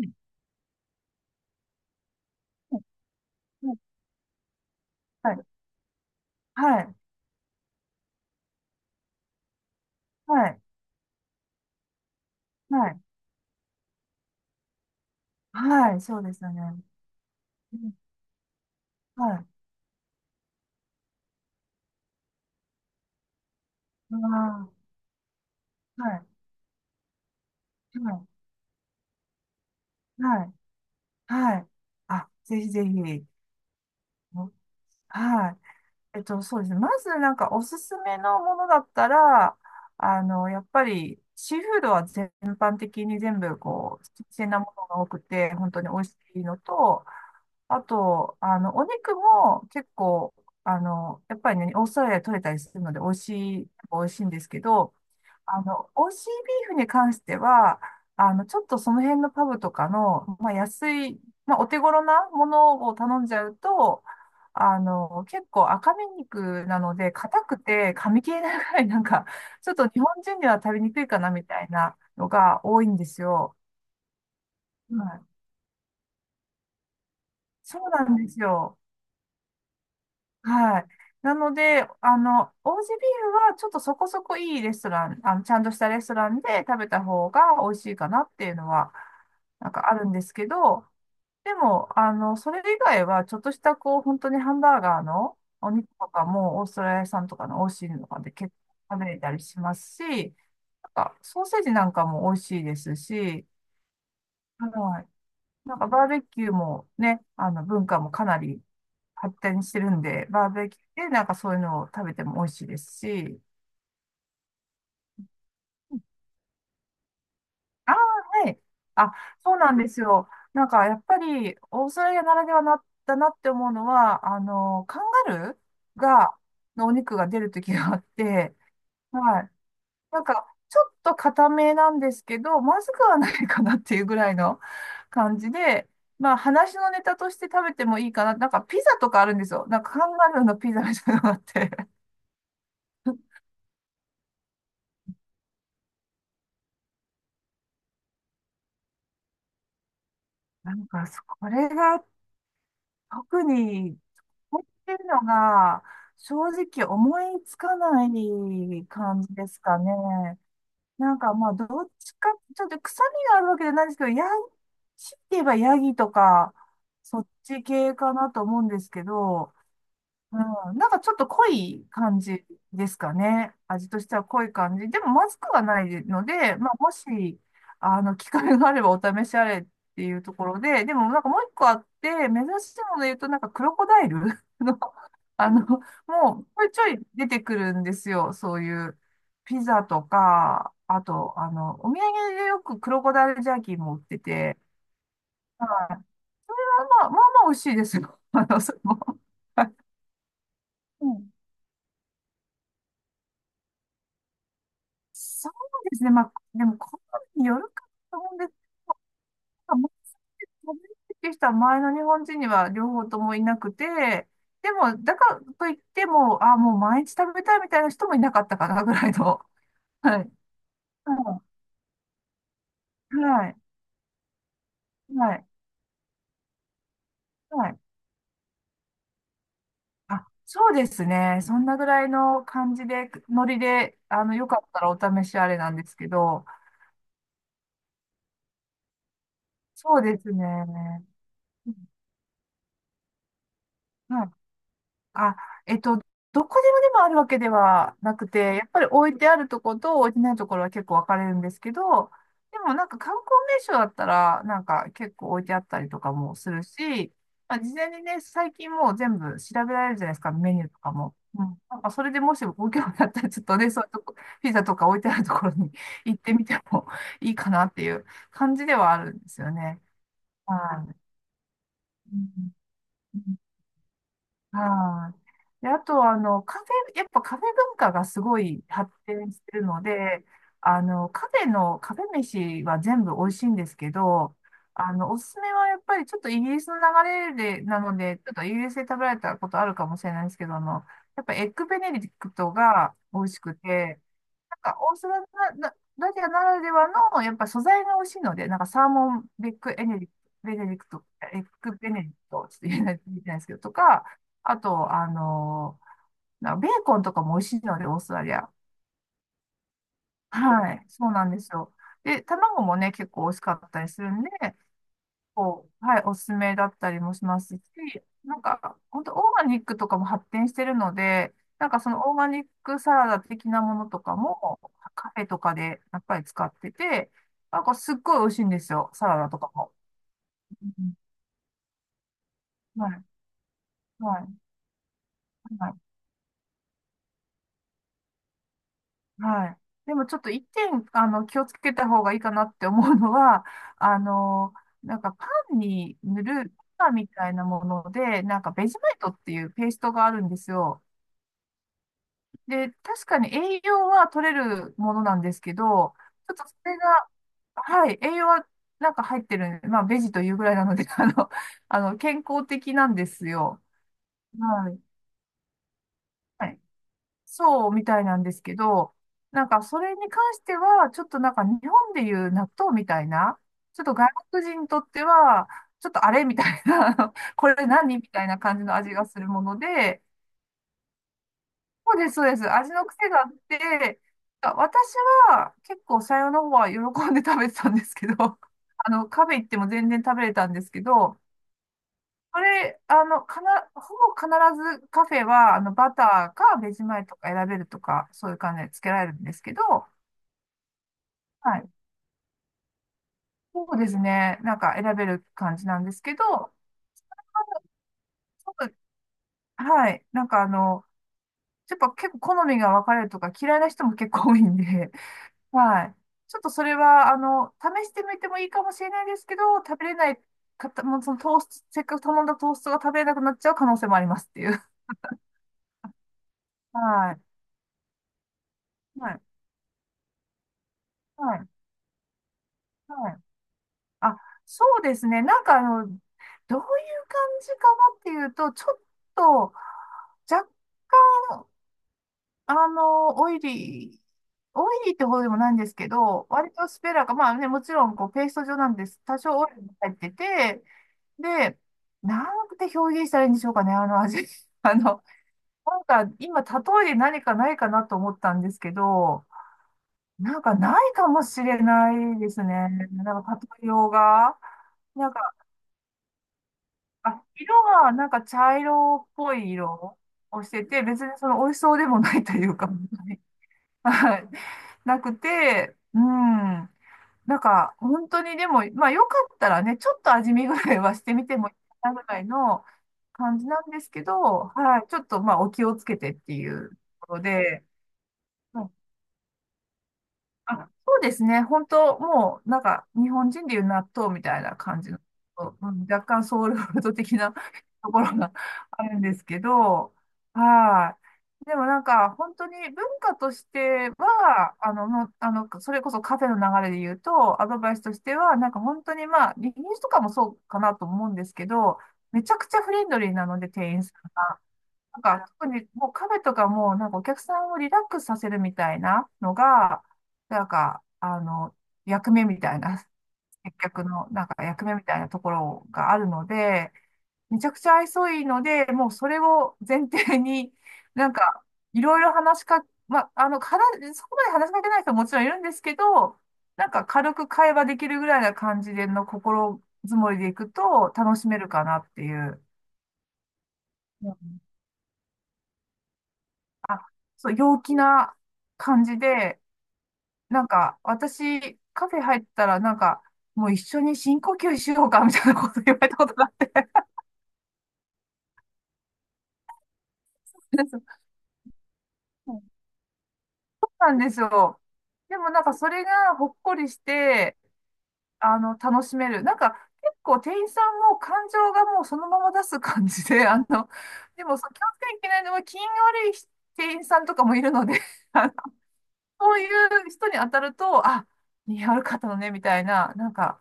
んはい、はい、はい、はい、はい、そうですよね。うん。はい。うわー。はい、はい、はい、はい。あ、ぜひぜひ。うはい。そうですね。まず、なんか、おすすめのものだったら、やっぱり、シーフードは全般的に全部、こう、新鮮なものが多くて、本当に美味しいのと、あと、お肉も結構、やっぱりね、オーストラリアで取れたりするので、美味しいんですけど、美味しいビーフに関しては、ちょっとその辺のパブとかの、まあ、安い、まあ、お手頃なものを頼んじゃうと、結構赤身肉なので、硬くて噛み切れないぐらい、なんか、ちょっと日本人には食べにくいかなみたいなのが多いんですよ。はい、そうなんですよ。はい。なので、オージービーフはちょっとそこそこいいレストラン、ちゃんとしたレストランで食べた方が美味しいかなっていうのは、なんかあるんですけど、でも、それ以外は、ちょっとした、こう、本当にハンバーガーのお肉とかも、オーストラリア産とかの美味しいのとかで結構食べれたりしますし、なんか、ソーセージなんかも美味しいですし、はい。なんかバーベキューもね、あの文化もかなり発展してるんで、バーベキューでなんかそういうのを食べても美味しいですし、ああ、はい。あ、そうなんですよ。なんかやっぱりオーストラリアならではなだなって思うのは、カンガルーが、のお肉が出るときがあって、はい。なんか、ちょっと固めなんですけど、まずくはないかなっていうぐらいの感じで、まあ、話のネタとして食べてもいいかな。なんか、ピザとかあるんですよ。なんか、カンガルーのピザみたいなのがあって。なんか、これが特に、こういうのが、正直思いつかない感じですかね。なんかまあ、どっちか、ちょっと臭みがあるわけじゃないですけど、ヤギ、強いて言えばヤギとか、そっち系かなと思うんですけど、うん、なんかちょっと濃い感じですかね。味としては濃い感じ。でもまずくはないので、まあ、もし、機会があればお試しあれっていうところで、でもなんかもう一個あって、珍しいもので言うと、なんかクロコダイル の、もうちょいちょい出てくるんですよ。そういうピザとか、あと、お土産でよくクロコダイルジャーキーも売ってて、はい。それはまあ、まあまあ美味しいですよ。あの、それも。はい。うん。そうですね。まあ、でも、好みによるかと思うんですが、もう、食べるっていう人は前の日本人には両方ともいなくて、でも、だからといっても、あ、もう毎日食べたいみたいな人もいなかったかな、ぐらいの。はい。うん。はい。はい。はい。あ、そうですね。そんなぐらいの感じで、ノリで、よかったらお試しあれなんですけど、そうですね。うん。はい。あ、えっと、どこでもでもあるわけではなくて、やっぱり置いてあるところと置いてないところは結構分かれるんですけど、でもなんか観光名所だったら、なんか結構置いてあったりとかもするし、まあ、事前にね、最近もう全部調べられるじゃないですか、メニューとかも。うん。なんかそれでもしご興味あったら、ちょっとね、そういうとこ、ピザとか置いてあるところに 行ってみてもいいかなっていう感じではあるんですよね。はい。うん。はい。で、あと、カフェ、やっぱカフェ文化がすごい発展してるので、カフェの、カフェ飯は全部美味しいんですけど、おすすめはやっぱりちょっとイギリスの流れで、なので、ちょっとイギリスで食べられたことあるかもしれないですけど、やっぱエッグベネディクトが美味しくて、なんか、オーストラリアな、らではの、やっぱ素材が美味しいので、なんかサーモンベックエネリ、ベネディクト、エッグベネディクト、ちょっと言えないですけど、とか、あと、なんかベーコンとかも美味しいので、オーストラリア。はい、そうなんですよ。で、卵もね、結構美味しかったりするんで、こうはい、おすすめだったりもしますし、なんか、本当オーガニックとかも発展してるので、なんかそのオーガニックサラダ的なものとかも、カフェとかでやっぱり使ってて、なんかすっごい美味しいんですよ、サラダとかも。うん。はい、はい、はい、はい。でもちょっと一点、気をつけた方がいいかなって思うのは、あの、なんかパンに塗る、パンみたいなもので、なんかベジマイトっていうペーストがあるんですよ。で、確かに栄養は取れるものなんですけど、ちょっとそれが、はい、栄養はなんか入ってる、まあ、ベジというぐらいなので、健康的なんですよ。はい。はい。そうみたいなんですけど、なんかそれに関しては、ちょっとなんか日本でいう納豆みたいな、ちょっと外国人にとっては、ちょっとあれみたいな、あのこれ何みたいな感じの味がするもので、そうです、そうです。味の癖があって、私は結構さよの方は喜んで食べてたんですけど、あの、カフェ行っても全然食べれたんですけど、これ、ほぼ必ずカフェは、バターかベジマイトか選べるとか、そういう感じでつけられるんですけど、はい。そうですね。なんか選べる感じなんですけど、そう。はい。なんかやっぱ結構好みが分かれるとか嫌いな人も結構多いんで、はい。ちょっとそれは、試してみてもいいかもしれないですけど、食べれない方、もそのトースト、せっかく頼んだトーストが食べれなくなっちゃう可能性もありますっていう。はい。はい。はい。はい。あ、そうですね。なんかあの、どういう感じかなっていうと、ちょっと、若干、あの、オイリー、オイリーってほどでもないんですけど、割とスペラが、まあね、もちろん、こう、ペースト状なんです。多少オイルも入ってて、で、なんて表現したらいいんでしょうかね、あの味。あの、なんか今、例えで何かないかなと思ったんですけど、なんかないかもしれないですね。なんか例えようが。なんか、あ、色が茶色っぽい色をしてて、別にその美味しそうでもないというか。はい。なくて、うん。本当にでも、まあよかったらね、ちょっと味見ぐらいはしてみてもいいかなぐらいの感じなんですけど、はい、ちょっとまあお気をつけてっていうところで、はい。あ、そうですね、本当もうなんか日本人でいう納豆みたいな感じの、うん、若干ソウルフード的な ところがあるんですけど、はい。でも本当に文化としては、あの、もうあの、それこそカフェの流れで言うと、アドバイスとしては、本当にまあ、イギリスとかもそうかなと思うんですけど、めちゃくちゃフレンドリーなので、店員さん、特にもうカフェとかも、お客さんをリラックスさせるみたいなのが、なんか、あの、役目みたいな、接客の、役目みたいなところがあるので、めちゃくちゃ愛想いいので、もうそれを前提に、なんか、いろいろ話しか、ま、あの、話、そこまで話しかけない人ももちろんいるんですけど、軽く会話できるぐらいな感じでの心づもりでいくと楽しめるかなっていう。あ、そう、陽気な感じで、私、カフェ入ったら、もう一緒に深呼吸しようか、みたいなこと言われたことがあったんですよ。そうなんですよ。でも、それがほっこりして、あの、楽しめる。結構店員さんも感情がもうそのまま出す感じで、あの、でもそう、気をつけなきゃいけないのは、気が悪い店員さんとかもいるので あ、そういう人に当たると、あ、似合う方かったのね、みたいな、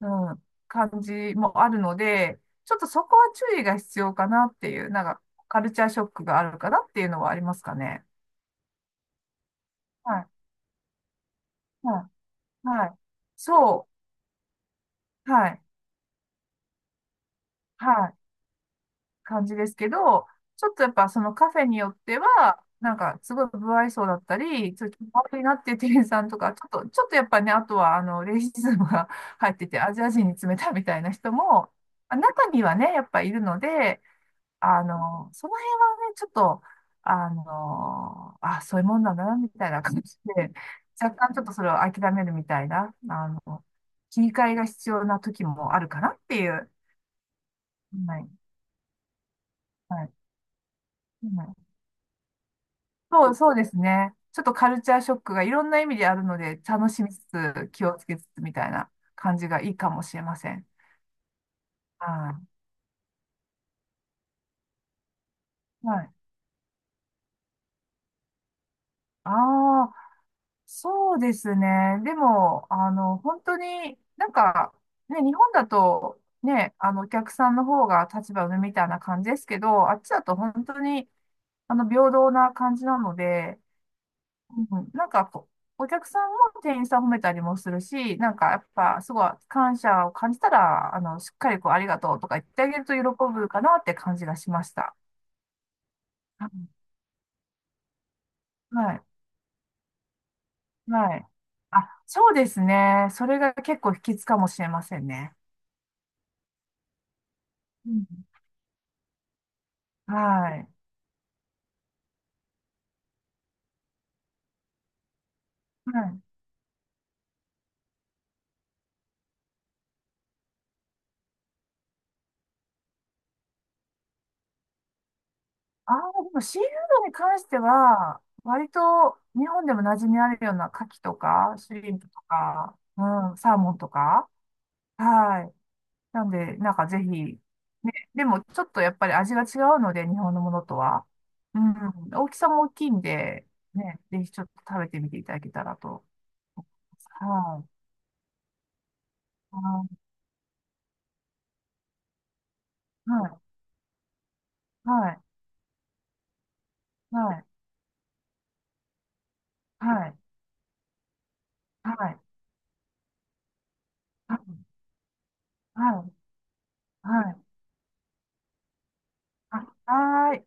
う感じもあるので、ちょっとそこは注意が必要かなっていう、カルチャーショックがあるかなっていうのはありますかね。はい、はい、はい。そう、はい、はい。感じですけど、ちょっとやっぱそのカフェによっては、すごい不愛想だったり、ちょっと気悪いなっていう店員さんとか、ちょっとやっぱね、あとはあの、レイシズムが 入ってて、アジア人に冷たいみたいな人も、あ、中にはね、やっぱいるので、あの、その辺はね、ちょっと、あの、あ、そういうもんなんだな、みたいな感じで、若干ちょっとそれを諦めるみたいな、あの、切り替えが必要な時もあるかなっていう。はい。はい。はい。そう、そうですね。ちょっとカルチャーショックがいろんな意味であるので、楽しみつつ、気をつけつつみたいな感じがいいかもしれません。はい。はい。ああ、そうですね。でも、あの、本当にね、日本だと、ね、あの、お客さんの方が立場上みたいな感じですけど、あっちだと本当に、あの、平等な感じなので、うん、お客さんも店員さんを褒めたりもするし、やっぱすごい感謝を感じたら、あの、しっかりこうありがとうとか言ってあげると喜ぶかなって感じがしました。うん、はい。はい。あ、そうですね。それが結構秘訣かもしれませんね。うん。はい。はい。ああ、でもシーフードに関しては、割と日本でも馴染みあるような牡蠣とか、シュリンプとか、うん、サーモンとか、はい。なんで、ぜひ、ね、でもちょっとやっぱり味が違うので、日本のものとは。うん、大きさも大きいんで、ね、ぜひちょっと食べてみていただけたらと。はい。はい。はい。はい。はい。はい。はい。はい。はい。はい。はい。はい。